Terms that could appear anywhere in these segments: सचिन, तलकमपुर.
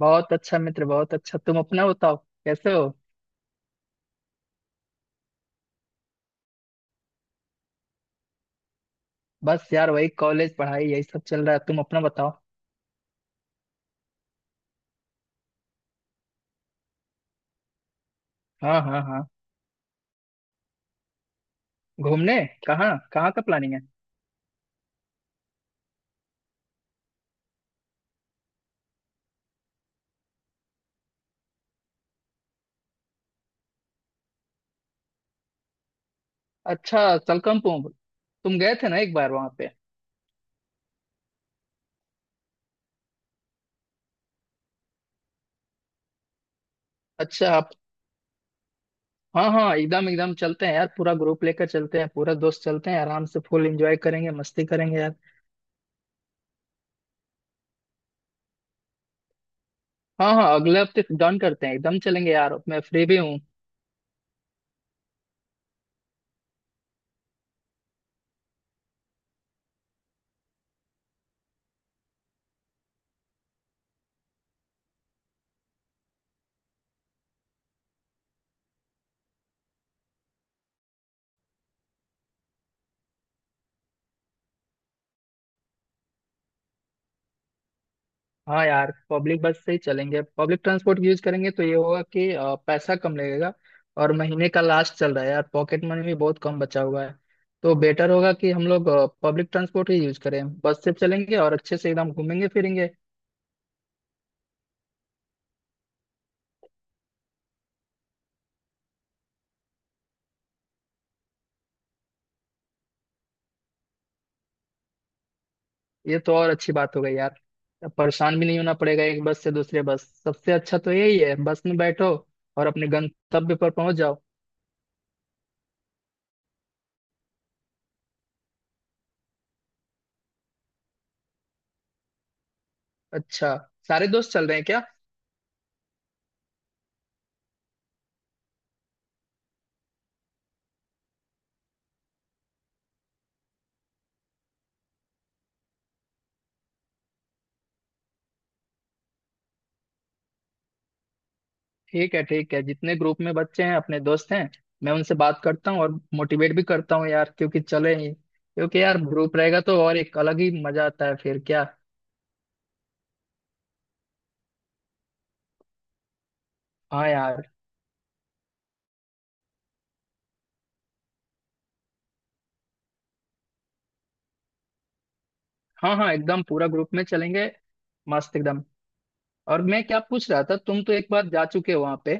बहुत अच्छा मित्र, बहुत अच्छा। तुम अपना बताओ, कैसे हो। बस यार वही कॉलेज पढ़ाई यही सब चल रहा है। तुम अपना बताओ। हाँ हाँ हाँ, घूमने कहाँ कहाँ का प्लानिंग है। अच्छा, तलकमपुर। तुम गए थे ना एक बार वहां पे। अच्छा आप। हाँ हाँ, एकदम एकदम चलते हैं यार। पूरा ग्रुप लेकर चलते हैं, पूरा दोस्त चलते हैं। आराम से फुल एंजॉय करेंगे, मस्ती करेंगे यार। हाँ हाँ, अगले हफ्ते डन करते हैं। एकदम चलेंगे यार, मैं फ्री भी हूँ। हाँ यार, पब्लिक बस से ही चलेंगे। पब्लिक ट्रांसपोर्ट यूज करेंगे तो ये होगा कि पैसा कम लगेगा। और महीने का लास्ट चल रहा है यार, पॉकेट मनी भी बहुत कम बचा हुआ है। तो बेटर होगा कि हम लोग पब्लिक ट्रांसपोर्ट ही यूज करें। बस से चलेंगे और अच्छे से एकदम घूमेंगे फिरेंगे। ये तो और अच्छी बात हो गई यार। परेशान भी नहीं होना पड़ेगा एक बस से दूसरे बस। सबसे अच्छा तो यही है, बस में बैठो और अपने गंतव्य पर पहुंच जाओ। अच्छा, सारे दोस्त चल रहे हैं क्या। ठीक है ठीक है, जितने ग्रुप में बच्चे हैं अपने दोस्त हैं, मैं उनसे बात करता हूँ और मोटिवेट भी करता हूँ यार। क्योंकि चले ही, क्योंकि यार ग्रुप रहेगा तो और एक अलग ही मजा आता है फिर क्या। हाँ यार। हाँ हाँ, एकदम पूरा ग्रुप में चलेंगे। मस्त एकदम। और मैं क्या पूछ रहा था, तुम तो एक बार जा चुके हो वहां पे,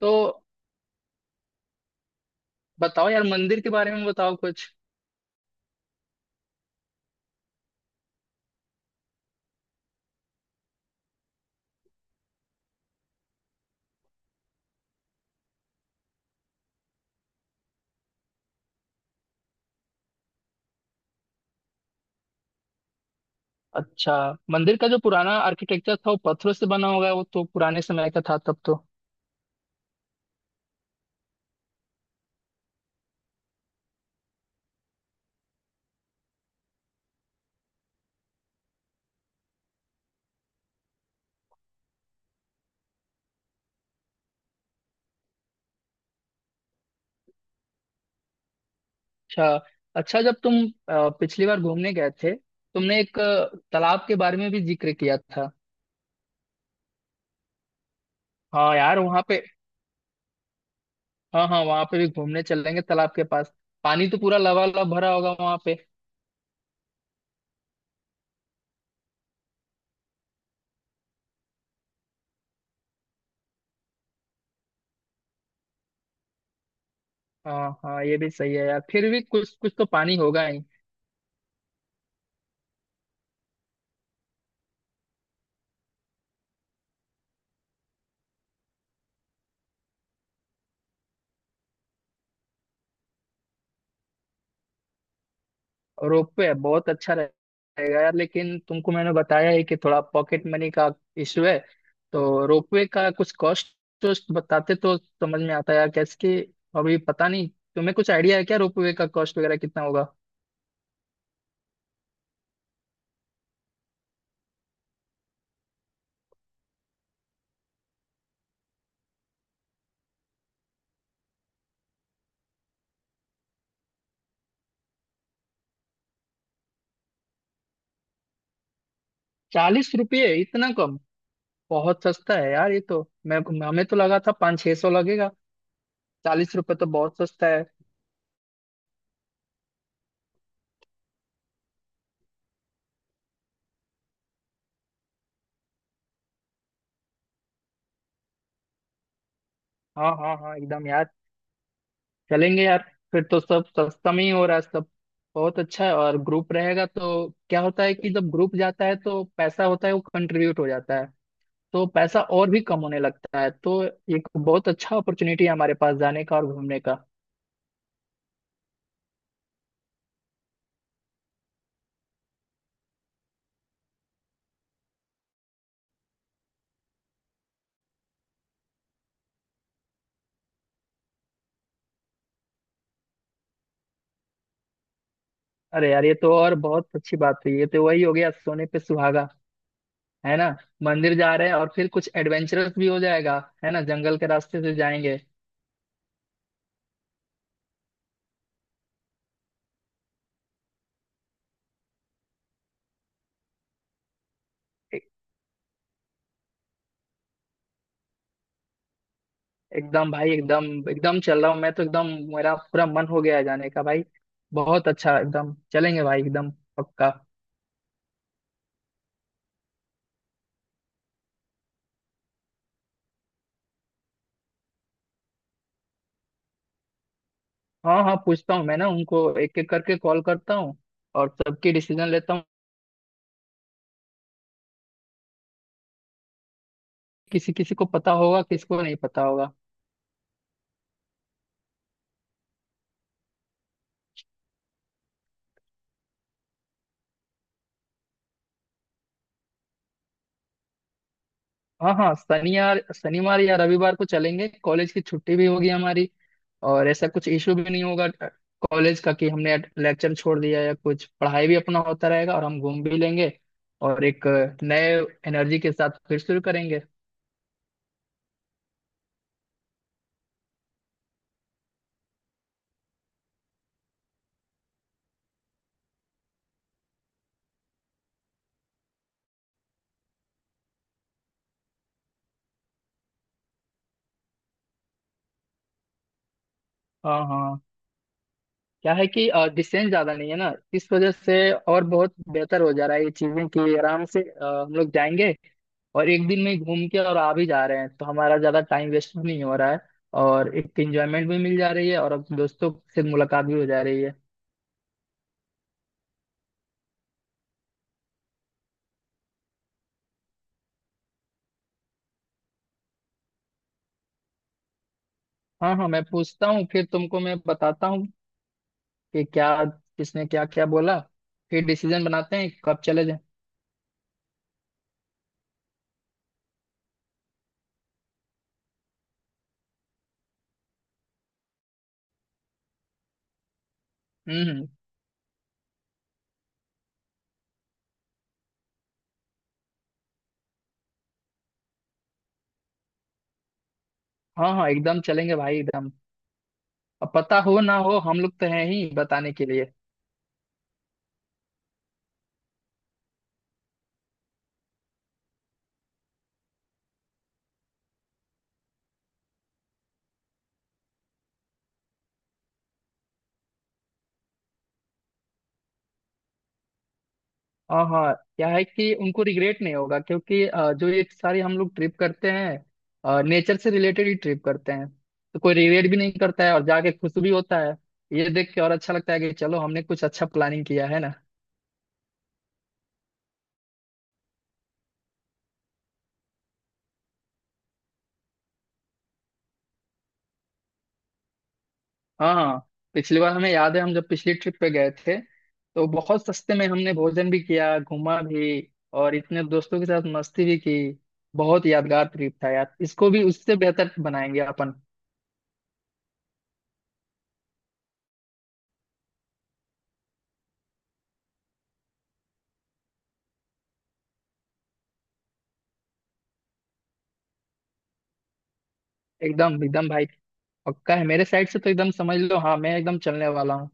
तो बताओ यार मंदिर के बारे में बताओ कुछ। अच्छा। मंदिर का जो पुराना आर्किटेक्चर था वो पत्थरों से बना होगा। वो तो पुराने समय का था तब तो। अच्छा। अच्छा जब तुम पिछली बार घूमने गए थे, तुमने एक तालाब के बारे में भी जिक्र किया था। हाँ यार वहाँ पे। हाँ हाँ, वहाँ पे भी घूमने चलेंगे तालाब के पास। पानी तो पूरा लबालब भरा होगा वहाँ पे। हाँ हाँ, ये भी सही है यार। फिर भी कुछ कुछ तो पानी होगा ही। और रोप पे है, बहुत अच्छा रहेगा यार। लेकिन तुमको मैंने बताया है कि थोड़ा पॉकेट मनी का इशू है। तो रोपवे का कुछ कॉस्ट वोस्ट बताते तो समझ में आता यार कैसे कि। अभी पता नहीं, तुम्हें कुछ आइडिया है क्या रोपवे का कॉस्ट वगैरह कितना होगा। 40 रुपये, इतना कम। बहुत सस्ता है यार ये तो। मैं, हमें तो लगा था पाँच छह सौ लगेगा। 40 रुपये तो बहुत सस्ता है। हाँ हाँ हाँ एकदम यार, चलेंगे यार। फिर तो सब सस्ता में ही हो रहा है सब। बहुत अच्छा है। और ग्रुप रहेगा तो क्या होता है कि जब ग्रुप जाता है तो पैसा होता है वो कंट्रीब्यूट हो जाता है, तो पैसा और भी कम होने लगता है। तो एक बहुत अच्छा अपॉर्चुनिटी है हमारे पास जाने का और घूमने का। अरे यार, ये तो और बहुत अच्छी बात हुई। ये तो वही हो गया, सोने पे सुहागा है ना। मंदिर जा रहे हैं और फिर कुछ एडवेंचरस भी हो जाएगा, है ना, जंगल के रास्ते से जाएंगे। ए- एकदम भाई, एकदम एकदम चल रहा हूँ मैं तो एकदम। मेरा पूरा मन हो गया है जाने का भाई। बहुत अच्छा, एकदम चलेंगे भाई एकदम। पक्का। हाँ हाँ, पूछता हूँ मैं ना। उनको एक एक करके कॉल करता हूँ और सबकी डिसीजन लेता हूँ। किसी किसी को पता होगा, किसी को नहीं पता होगा। हाँ हाँ, शनिवार शनिवार या रविवार को चलेंगे। कॉलेज की छुट्टी भी होगी हमारी। और ऐसा कुछ इशू भी नहीं होगा कॉलेज का कि हमने लेक्चर छोड़ दिया। या कुछ पढ़ाई भी अपना होता रहेगा और हम घूम भी लेंगे और एक नए एनर्जी के साथ फिर शुरू करेंगे। हाँ हाँ, क्या है कि डिस्टेंस ज्यादा नहीं है ना, इस वजह से और बहुत बेहतर हो जा रहा है ये चीजें कि आराम से हम लोग जाएंगे और एक दिन में ही घूम के और आ भी जा रहे हैं। तो हमारा ज्यादा टाइम वेस्ट भी नहीं हो रहा है और एक एंजॉयमेंट भी मिल जा रही है। और अब दोस्तों से मुलाकात भी हो जा रही है। हाँ हाँ, मैं पूछता हूँ। फिर तुमको मैं बताता हूँ कि क्या किसने क्या क्या बोला। फिर डिसीजन बनाते हैं कब चले जाए। हम्म। हाँ हाँ, एकदम चलेंगे भाई एकदम। अब पता हो ना हो, हम लोग तो हैं ही बताने के लिए। हाँ हाँ, क्या है कि उनको रिग्रेट नहीं होगा क्योंकि जो ये सारी हम लोग ट्रिप करते हैं नेचर से रिलेटेड ही ट्रिप करते हैं। तो कोई रिग्रेट भी नहीं करता है और जाके खुश भी होता है। ये देख के और अच्छा लगता है कि चलो हमने कुछ अच्छा प्लानिंग किया है ना। हाँ हाँ। पिछली बार हमें याद है, हम जब पिछली ट्रिप पे गए थे तो बहुत सस्ते में हमने भोजन भी किया, घूमा भी, और इतने दोस्तों के साथ मस्ती भी की। बहुत यादगार ट्रिप था यार। इसको भी उससे बेहतर बनाएंगे अपन। एकदम एकदम भाई। पक्का है मेरे साइड से, तो एकदम समझ लो, हाँ मैं एकदम चलने वाला हूँ।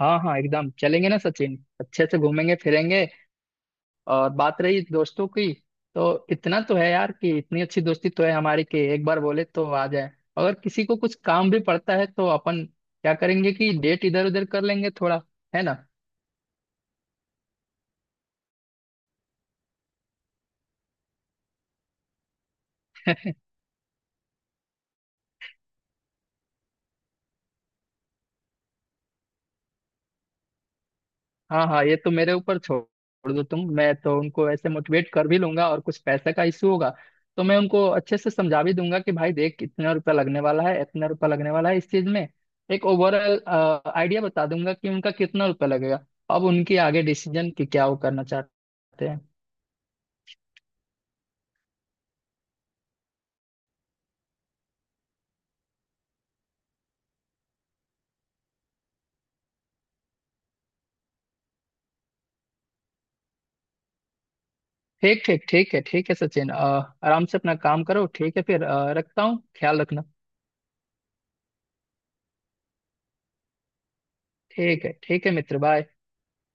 हाँ हाँ, एकदम चलेंगे ना सचिन, अच्छे से घूमेंगे फिरेंगे। और बात रही दोस्तों की, तो इतना तो है यार कि इतनी अच्छी दोस्ती तो है हमारी कि एक बार बोले तो आ जाए। अगर किसी को कुछ काम भी पड़ता है तो अपन क्या करेंगे कि डेट इधर उधर कर लेंगे थोड़ा, है ना। हाँ हाँ, ये तो मेरे ऊपर छोड़ दो तुम। मैं तो उनको ऐसे मोटिवेट कर भी लूंगा। और कुछ पैसे का इशू होगा तो मैं उनको अच्छे से समझा भी दूंगा कि भाई देख, इतना रुपया लगने वाला है, इतना रुपया लगने वाला है इस चीज में। एक ओवरऑल आइडिया बता दूंगा कि उनका कितना रुपया लगेगा। अब उनकी आगे डिसीजन कि क्या वो करना चाहते हैं। ठीक ठीक, ठीक है सचिन, आराम से अपना काम करो। ठीक है। फिर रखता हूँ, ख्याल रखना। ठीक है मित्र, बाय।